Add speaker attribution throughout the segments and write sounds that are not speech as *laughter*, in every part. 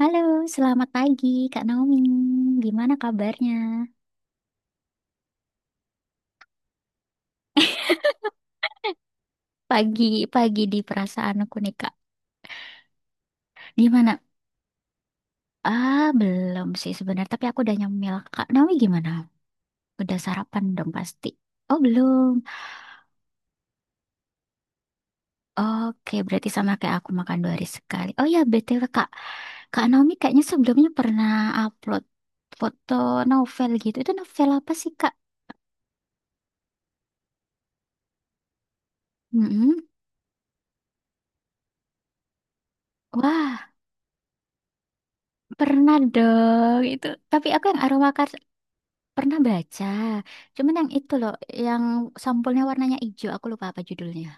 Speaker 1: Halo, selamat pagi Kak Naomi. Gimana kabarnya? Pagi, pagi di perasaanku nih Kak. Gimana? Ah, belum sih sebenarnya, tapi aku udah nyemil. Kak Naomi gimana? Udah sarapan dong pasti. Oh, belum. Oke, berarti sama kayak aku makan 2 hari sekali. Oh ya, BTW Kak. Kak Naomi kayaknya sebelumnya pernah upload foto novel gitu. Itu novel apa sih Kak? Mm-mm. Wah, pernah dong itu. Tapi aku yang aroma. Pernah baca, cuman yang itu loh, yang sampulnya warnanya hijau, aku lupa apa judulnya.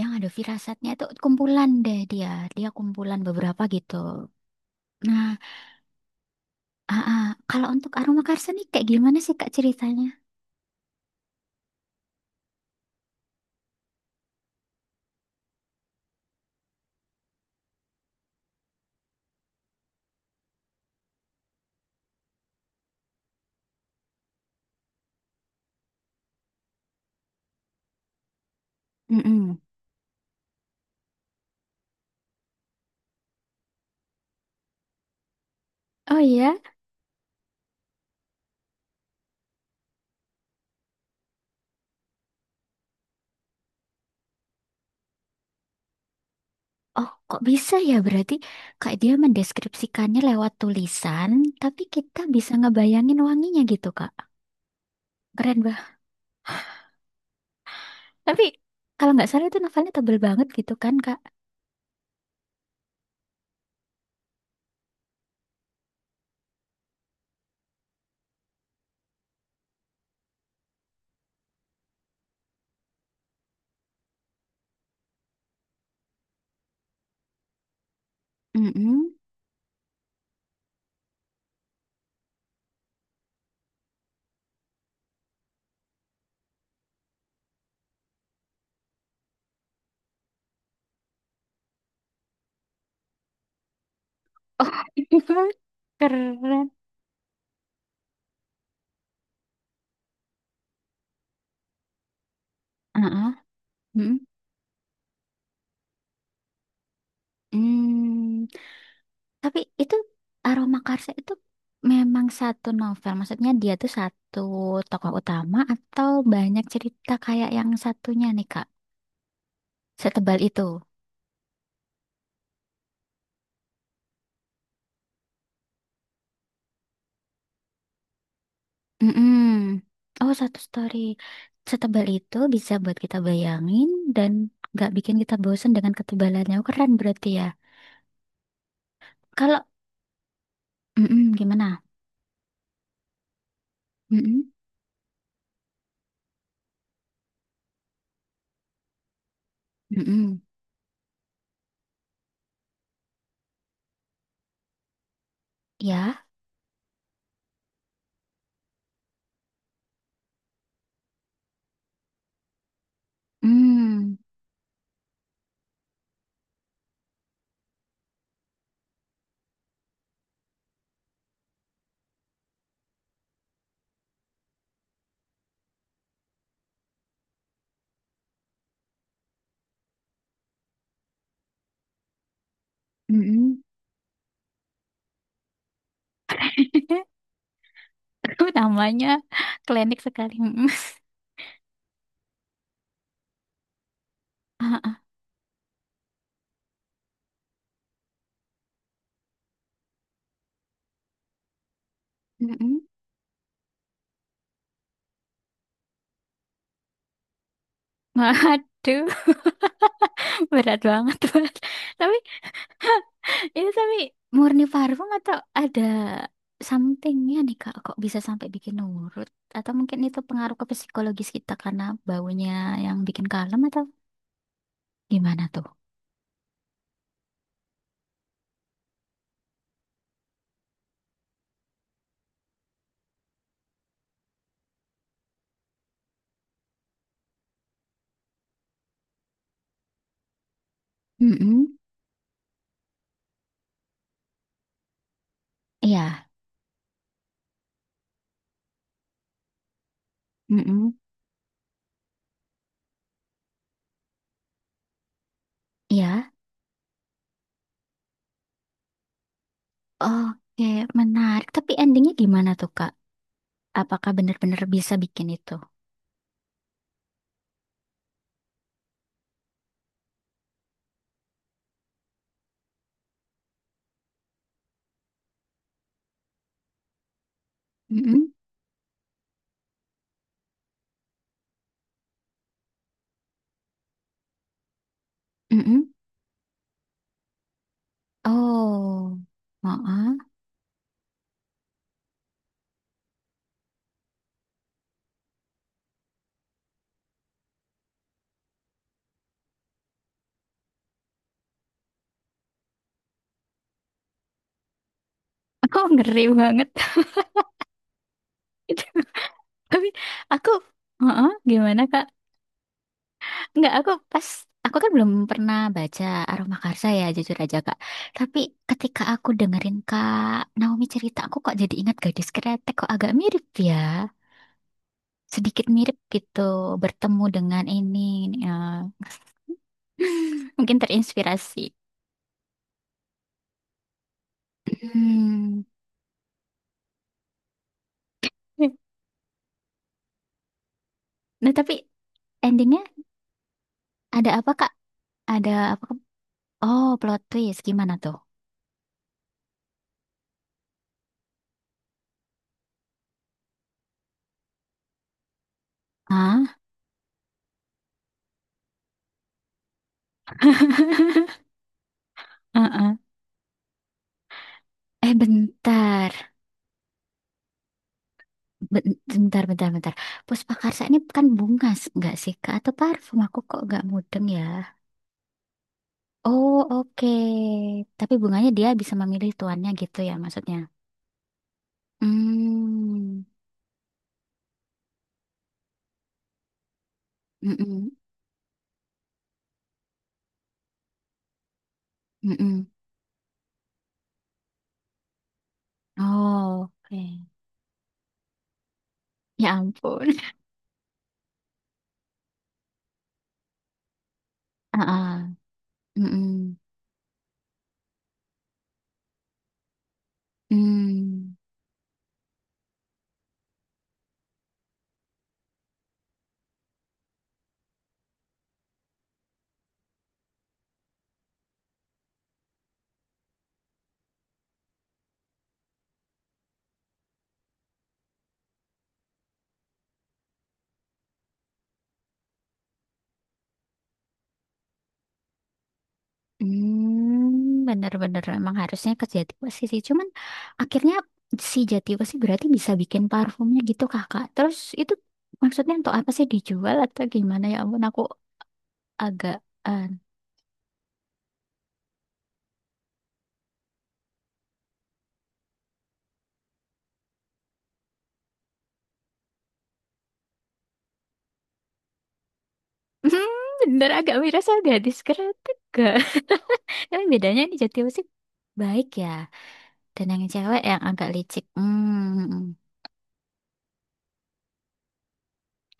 Speaker 1: Yang ada firasatnya itu kumpulan deh dia kumpulan beberapa gitu. Nah, ah, ah. Kalau untuk aroma karsa nih kayak gimana sih Kak ceritanya? Mm-mm. Oh iya, oh kok bisa ya berarti Kak dia mendeskripsikannya lewat tulisan, tapi kita bisa ngebayangin wanginya gitu Kak. Keren bah. Tapi kalau nggak salah itu novelnya tebel banget gitu kan Kak? Mm-mm. Oh, *laughs* keren. Heeh, mm, mm. Tapi itu Aroma Karsa itu memang satu novel. Maksudnya dia tuh satu tokoh utama atau banyak cerita kayak yang satunya nih Kak. Setebal itu. Mm. Oh, satu story. Setebal itu bisa buat kita bayangin dan nggak bikin kita bosen dengan ketebalannya. Oh, keren berarti ya. Kalau gimana? Mm-mm, mm-mm. Ya. Mm, mm-mm. *laughs* *laughs* Namanya klinik sekali. Mm-mm. Mm. *laughs* Mm-mm. Waduh, *laughs* berat banget. Mas. Tapi ini tapi murni parfum atau ada somethingnya nih Kak? Kok bisa sampai bikin nurut? Atau mungkin itu pengaruh ke psikologis kita karena baunya yang bikin kalem atau gimana tuh? Mm-mm. Iya. Mm-mm. Iya. Oke, menarik. Tapi endingnya gimana tuh Kak? Apakah benar-benar bisa bikin itu? Mm-mm. Mm-mm. Oh. Heeh. *laughs* Aku ngeri banget. *laughs* Itu. Tapi aku, heeh, gimana Kak? Enggak, aku kan belum pernah baca Aroma Karsa ya, jujur aja Kak. Tapi ketika aku dengerin Kak Naomi cerita, aku kok jadi ingat Gadis Kretek, kok agak mirip ya. Sedikit mirip gitu, bertemu dengan ini, ya. *laughs* Mungkin terinspirasi. Hmm. Nah, tapi endingnya ada apa Kak? Ada apa? Oh, plot twist, gimana tuh? Hah? *laughs* Eh bentar, bentar, bentar, bentar. Puspakarsa ini kan bunga nggak sih Kak? Atau parfum aku kok nggak mudeng ya? Oh oke. Tapi bunganya dia bisa memilih tuannya gitu ya maksudnya? Hmm, mm-mm, mm-mm. Oh oke. Ya ampun. *laughs* Ah, ah. Mm-mm. Hmm. Hmm, bener-bener emang harusnya ke Jatiwasi sih. Cuman akhirnya si Jatiwasi berarti bisa bikin parfumnya gitu kakak. Terus itu maksudnya untuk apa sih dijual atau gimana ya ampun aku agak eh, *laughs* hmm, bener agak miras agak diskretik gak? *laughs* Tapi bedanya di Jatiwasi baik ya. Dan yang cewek yang agak licik. Hmm,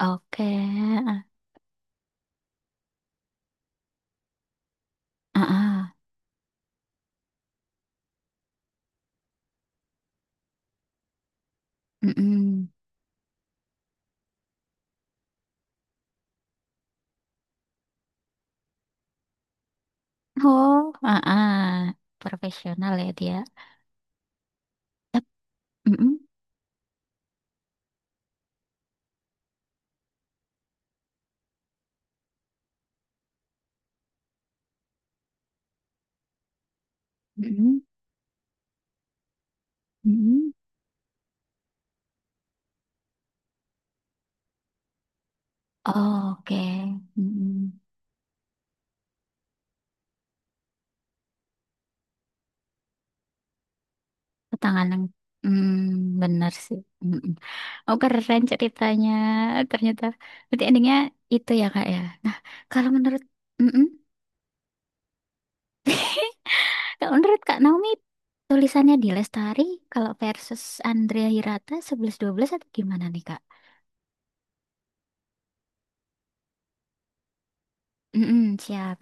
Speaker 1: oke. Ah, ah, ah. Mm-mm. Oh, ah, ah. Profesional ya dia. Mm-mm. Mm-mm, mm-mm. Oke, mm-mm. Petanganan, bener sih. Mm-mm. Oh keren ceritanya, ternyata. Berarti endingnya itu ya kak ya. Nah kalau menurut, mm-mm. *laughs* Kalau menurut kak Naomi, tulisannya di Lestari, kalau versus Andrea Hirata sebelas dua belas atau gimana nih kak? Mm-mm, siap.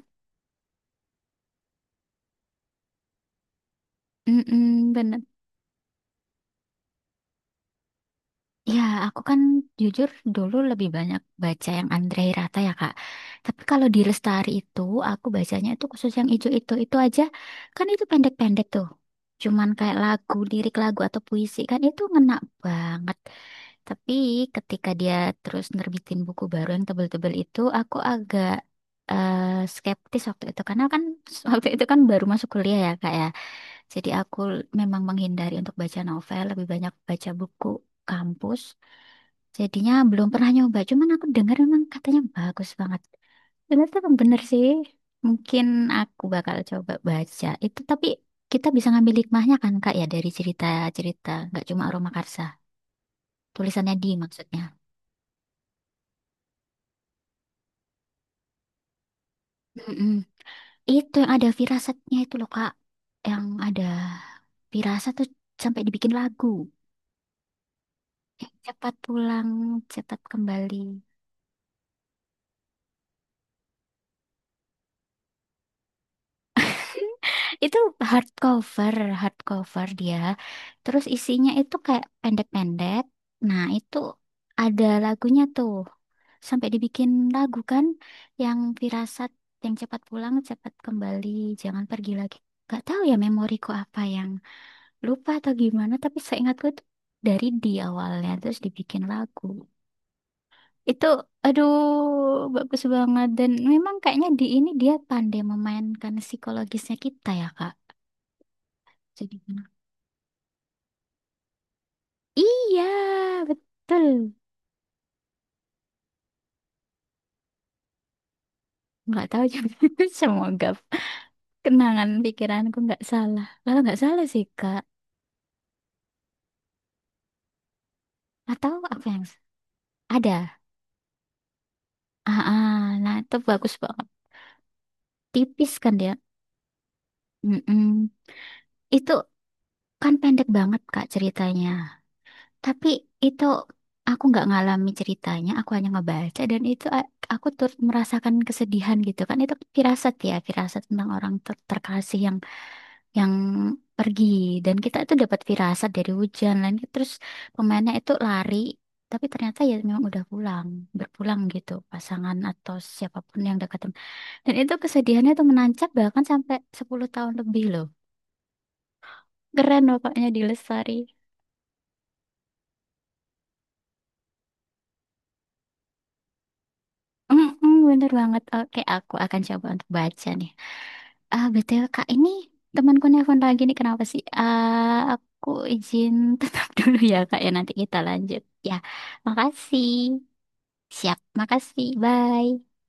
Speaker 1: Mm-mm, bener. Ya, aku kan jujur dulu lebih banyak baca yang Andre Hirata ya, Kak. Tapi kalau di Lestari itu, aku bacanya itu khusus yang ijo itu aja. Kan itu pendek-pendek tuh. Cuman kayak lagu, lirik lagu atau puisi kan itu ngena banget. Tapi ketika dia terus nerbitin buku baru yang tebel-tebel itu, aku agak eh, skeptis waktu itu. Karena kan *laughs* waktu itu kan baru masuk kuliah ya, Kak ya. Jadi aku memang menghindari untuk baca novel, lebih banyak baca buku kampus. Jadinya belum pernah nyoba, cuman aku dengar memang katanya bagus banget. Bener tuh bener sih. Mungkin aku bakal coba baca itu, tapi kita bisa ngambil hikmahnya kan Kak ya dari cerita-cerita, nggak cuma Aroma Karsa, tulisannya di maksudnya. Mm-mm. Itu yang ada firasatnya itu loh Kak, yang ada firasat tuh sampai dibikin lagu. Yang cepat pulang, cepat kembali. *laughs* Itu hardcover, hardcover dia. Terus isinya itu kayak pendek-pendek. Nah, itu ada lagunya tuh. Sampai dibikin lagu kan yang firasat, yang cepat pulang, cepat kembali, jangan pergi lagi. Gak tahu ya memoriku apa yang lupa atau gimana, tapi seingatku itu dari di awalnya terus dibikin lagu. Itu aduh bagus banget dan memang kayaknya di ini dia pandai memainkan psikologisnya kita ya, Kak. Jadi iya, betul. Nggak tahu juga. *laughs* Semoga kenangan pikiranku nggak salah. Kalau nggak salah sih, Kak. Atau apa yang ada? Ah, ah, nah itu bagus banget. Tipis kan dia. Mm-mm. Itu kan pendek banget, Kak, ceritanya. Tapi itu aku nggak ngalami ceritanya. Aku hanya ngebaca dan itu aku turut merasakan kesedihan gitu kan. Itu firasat ya, firasat tentang orang terkasih yang pergi dan kita itu dapat firasat dari hujan lain terus pemainnya itu lari tapi ternyata ya memang udah pulang berpulang gitu pasangan atau siapapun yang dekat dan itu kesedihannya tuh menancap bahkan sampai 10 tahun lebih loh. Keren pokoknya di Lestari. Mm-mm, bener banget, oke aku akan coba untuk baca nih. Ah, BTW Kak ini temanku nelpon lagi nih kenapa sih, ah aku izin tetap *laughs* dulu ya Kak ya nanti kita lanjut ya. Makasih. Siap, makasih. Bye.